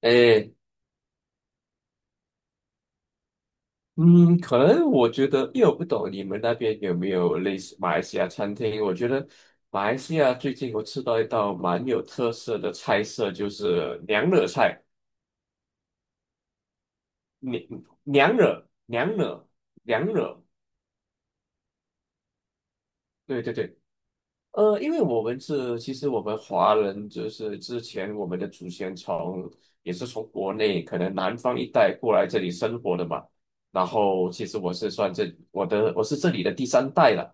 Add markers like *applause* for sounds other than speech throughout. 诶，嗯，可能我觉得，因为我不懂你们那边有没有类似马来西亚餐厅。我觉得马来西亚最近我吃到一道蛮有特色的菜色，就是娘惹菜，娘娘惹娘惹娘惹，对对对。因为我们是，其实我们华人就是之前我们的祖先从也是从国内可能南方一带过来这里生活的嘛，然后其实我是算这我是这里的第三代了。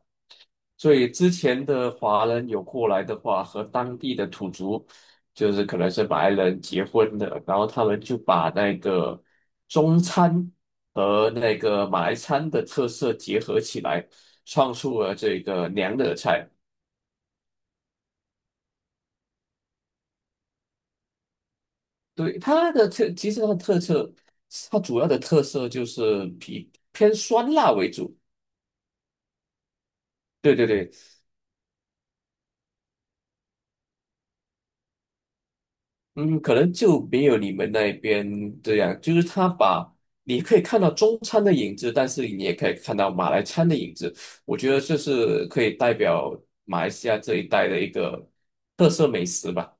所以之前的华人有过来的话，和当地的土族，就是可能是马来人结婚的，然后他们就把那个中餐和那个马来餐的特色结合起来，创出了这个娘惹菜。对，它的特，其实它的特色，它主要的特色就是比偏酸辣为主。对对对，嗯，可能就没有你们那边这样，就是他把你可以看到中餐的影子，但是你也可以看到马来餐的影子。我觉得这是可以代表马来西亚这一带的一个特色美食吧。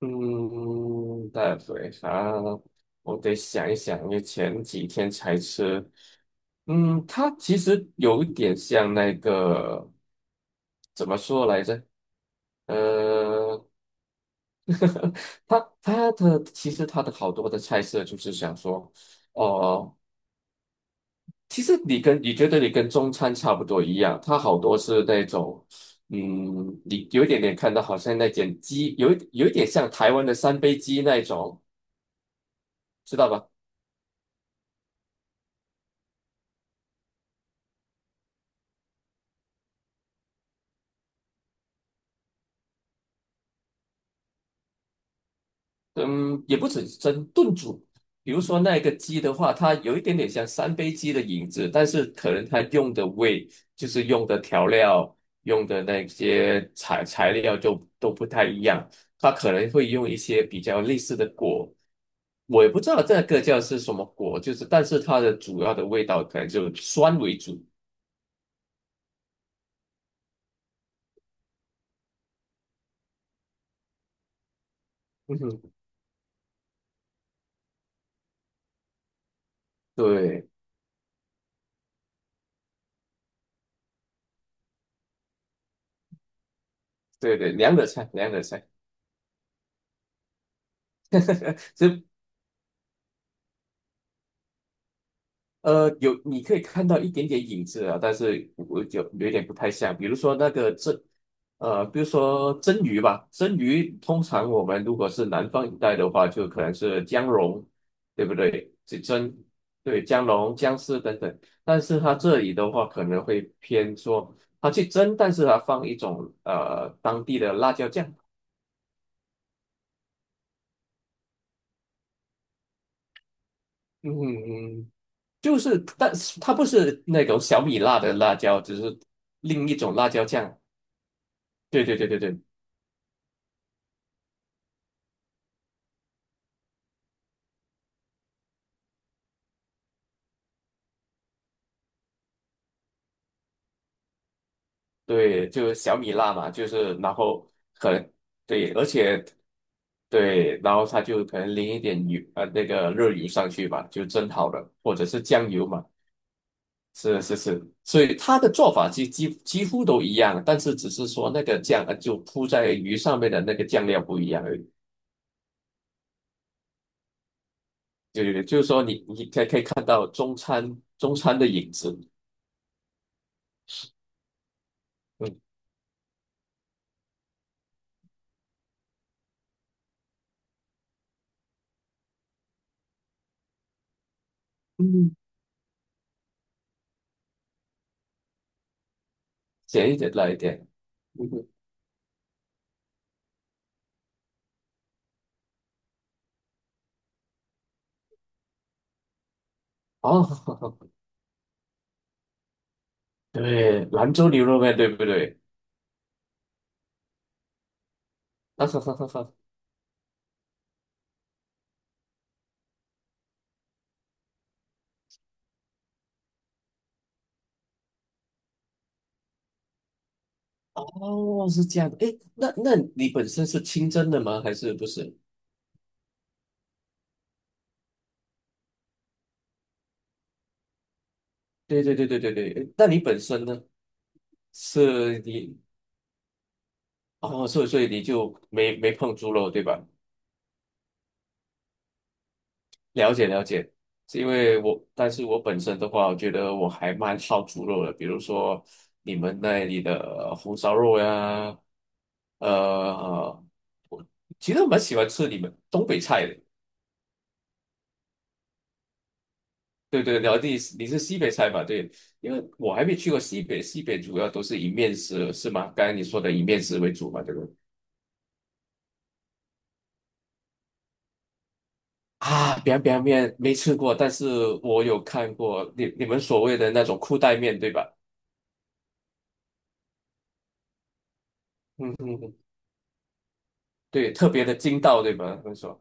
嗯，代表啥？我得想一想，因为前几天才吃。嗯，它其实有一点像那个怎么说来着？呃。它其实它的好多的菜色就是想说，哦，其实你跟你觉得你跟中餐差不多一样，它好多是那种，嗯，你有一点点看到好像那点鸡，有一点像台湾的三杯鸡那一种，知道吧？嗯，也不只是蒸炖煮，比如说那个鸡的话，它有一点点像三杯鸡的影子，但是可能它用的味，就是用的调料、用的那些材料就都不太一样，它可能会用一些比较类似的果，我也不知道这个叫是什么果，就是但是它的主要的味道可能就酸为主。嗯哼，对对对，两个菜，两个菜。*laughs* 有你可以看到一点点影子啊，但是我就有点不太像，比如说那个蒸，比如说蒸鱼吧，蒸鱼通常我们如果是南方一带的话，就可能是姜蓉，对不对？这蒸，对，姜蓉、姜丝等等，但是它这里的话可能会偏说它去蒸，但是它放一种当地的辣椒酱，嗯，就是，但是它不是那种小米辣的辣椒，只是另一种辣椒酱。对对对对对对，就是小米辣嘛，就是然后很对，而且对，然后它就可能淋一点油那个热油上去吧，就蒸好了，或者是酱油嘛，是是是，所以它的做法几乎都一样，但是只是说那个酱就铺在鱼上面的那个酱料不一样而已，对对对，就是说你你可以可以看到中餐的影子，嗯嗯，咸一点辣一点，嗯哼哦，*laughs* 对，兰州牛肉面对不对？*laughs* 啊哈哈哈哈！哦，是这样的。诶，那那你本身是清蒸的吗？还是不是？对对对对对对。诶那你本身呢？是你哦，所以所以你就没没碰猪肉对吧？了解了解。是因为我，但是我本身的话，我觉得我还蛮好猪肉的。比如说你们那里的红烧肉呀，呃，其实我蛮喜欢吃你们东北菜的。对对，然后你是西北菜嘛？对，因为我还没去过西北，西北主要都是以面食是吗？刚才你说的以面食为主嘛，对不对？啊，表表面没吃过，但是我有看过你你们所谓的那种裤带面，对吧？嗯哼哼，对，特别的筋道，对吗？他们说，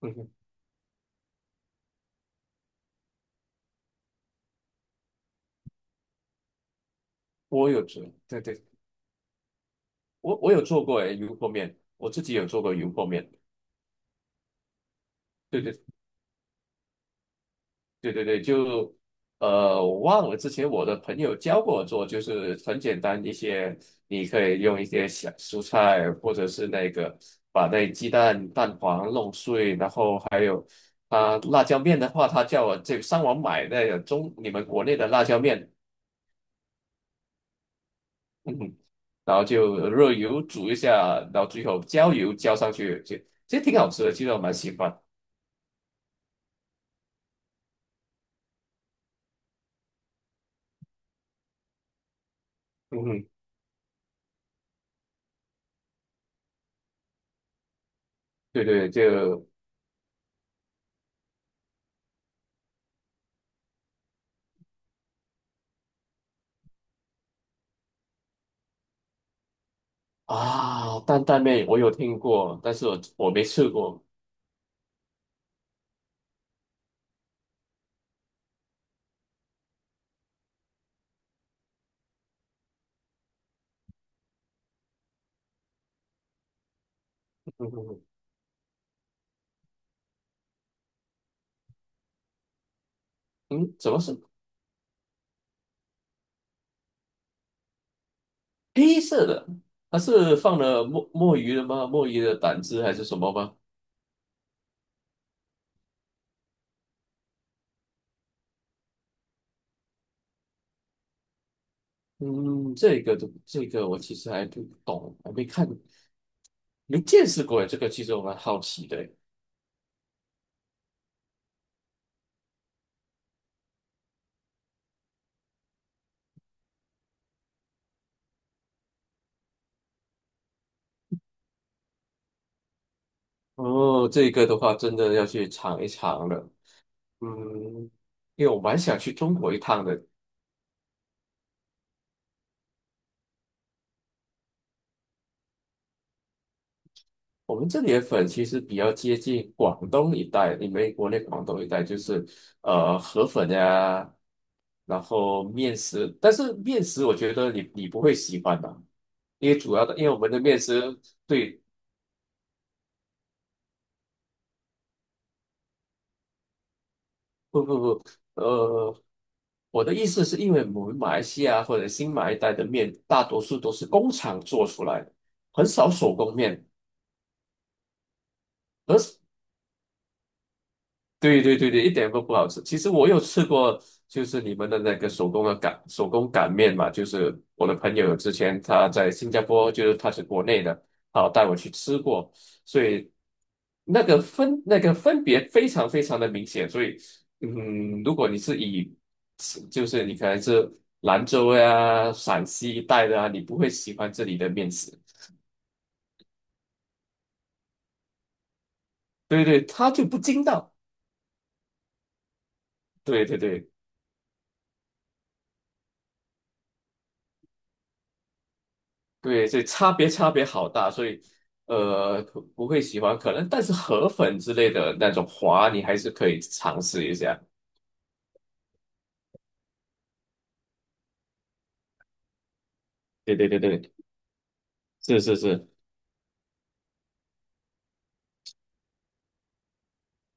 嗯哼，我有做，对对，我我有做过诶，油泼面，我自己有做过油泼面，对对对对对，就我忘了之前我的朋友教过我做，就是很简单一些，你可以用一些小蔬菜，或者是那个把那鸡蛋蛋黄弄碎，然后还啊辣椒面的话，他叫我这个上网买那个中你们国内的辣椒面，*laughs* 嗯然后就热油煮一下，然后最后浇油浇上去，就其实挺好吃的，其实我蛮喜欢。嗯哼对对，就啊担担面我有听过，但是我我没吃过。嗯嗯嗯，嗯怎么是黑色的？它是放了墨鱼的吗？墨鱼的胆汁还是什么吗？嗯，这个都这个我其实还不懂，还没看，没见识过这个，其实我蛮好奇的。哦，这个的话真的要去尝一尝了。嗯，因为我蛮想去中国一趟的，我们这里的粉其实比较接近广东一带，你们国内广东一带就是河粉呀，然后面食，但是面食我觉得你你不会喜欢的，因为主要的，因为我们的面食对，不不不，呃，我的意思是因为我们马来西亚或者新马一带的面大多数都是工厂做出来的，很少手工面，而。对对对对，一点都不好吃。其实我有吃过，就是你们的那个手工的擀手工擀面嘛，就是我的朋友之前他在新加坡，就是他是国内的，好带我去吃过，所以那个分那个分别非常非常的明显。所以，嗯，如果你是以就是你可能是兰州呀、陕西一带的啊，你不会喜欢这里的面食。对对，它就不筋道。对对对。对，所以差别差别好大，所以不不会喜欢，可能但是河粉之类的那种滑，你还是可以尝试一下。对对对对，是是是，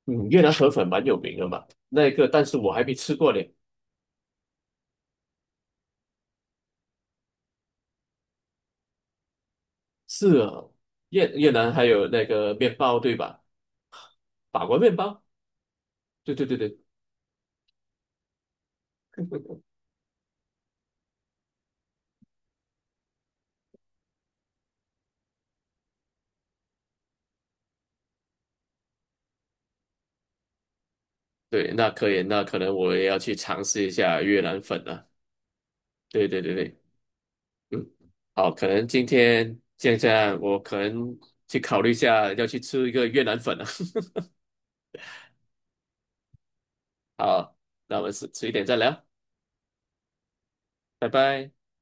嗯，越南河粉蛮有名的嘛，那个但是我还没吃过嘞。是啊，越越南还有那个面包对吧？法国面包，对对对对 *laughs* 对，那可以，那可能我也要去尝试一下越南粉了。对对对对。嗯，好，可能今天现在我可能去考虑一下要去吃一个越南粉了。*laughs* 好，那我们迟一点再聊，拜拜。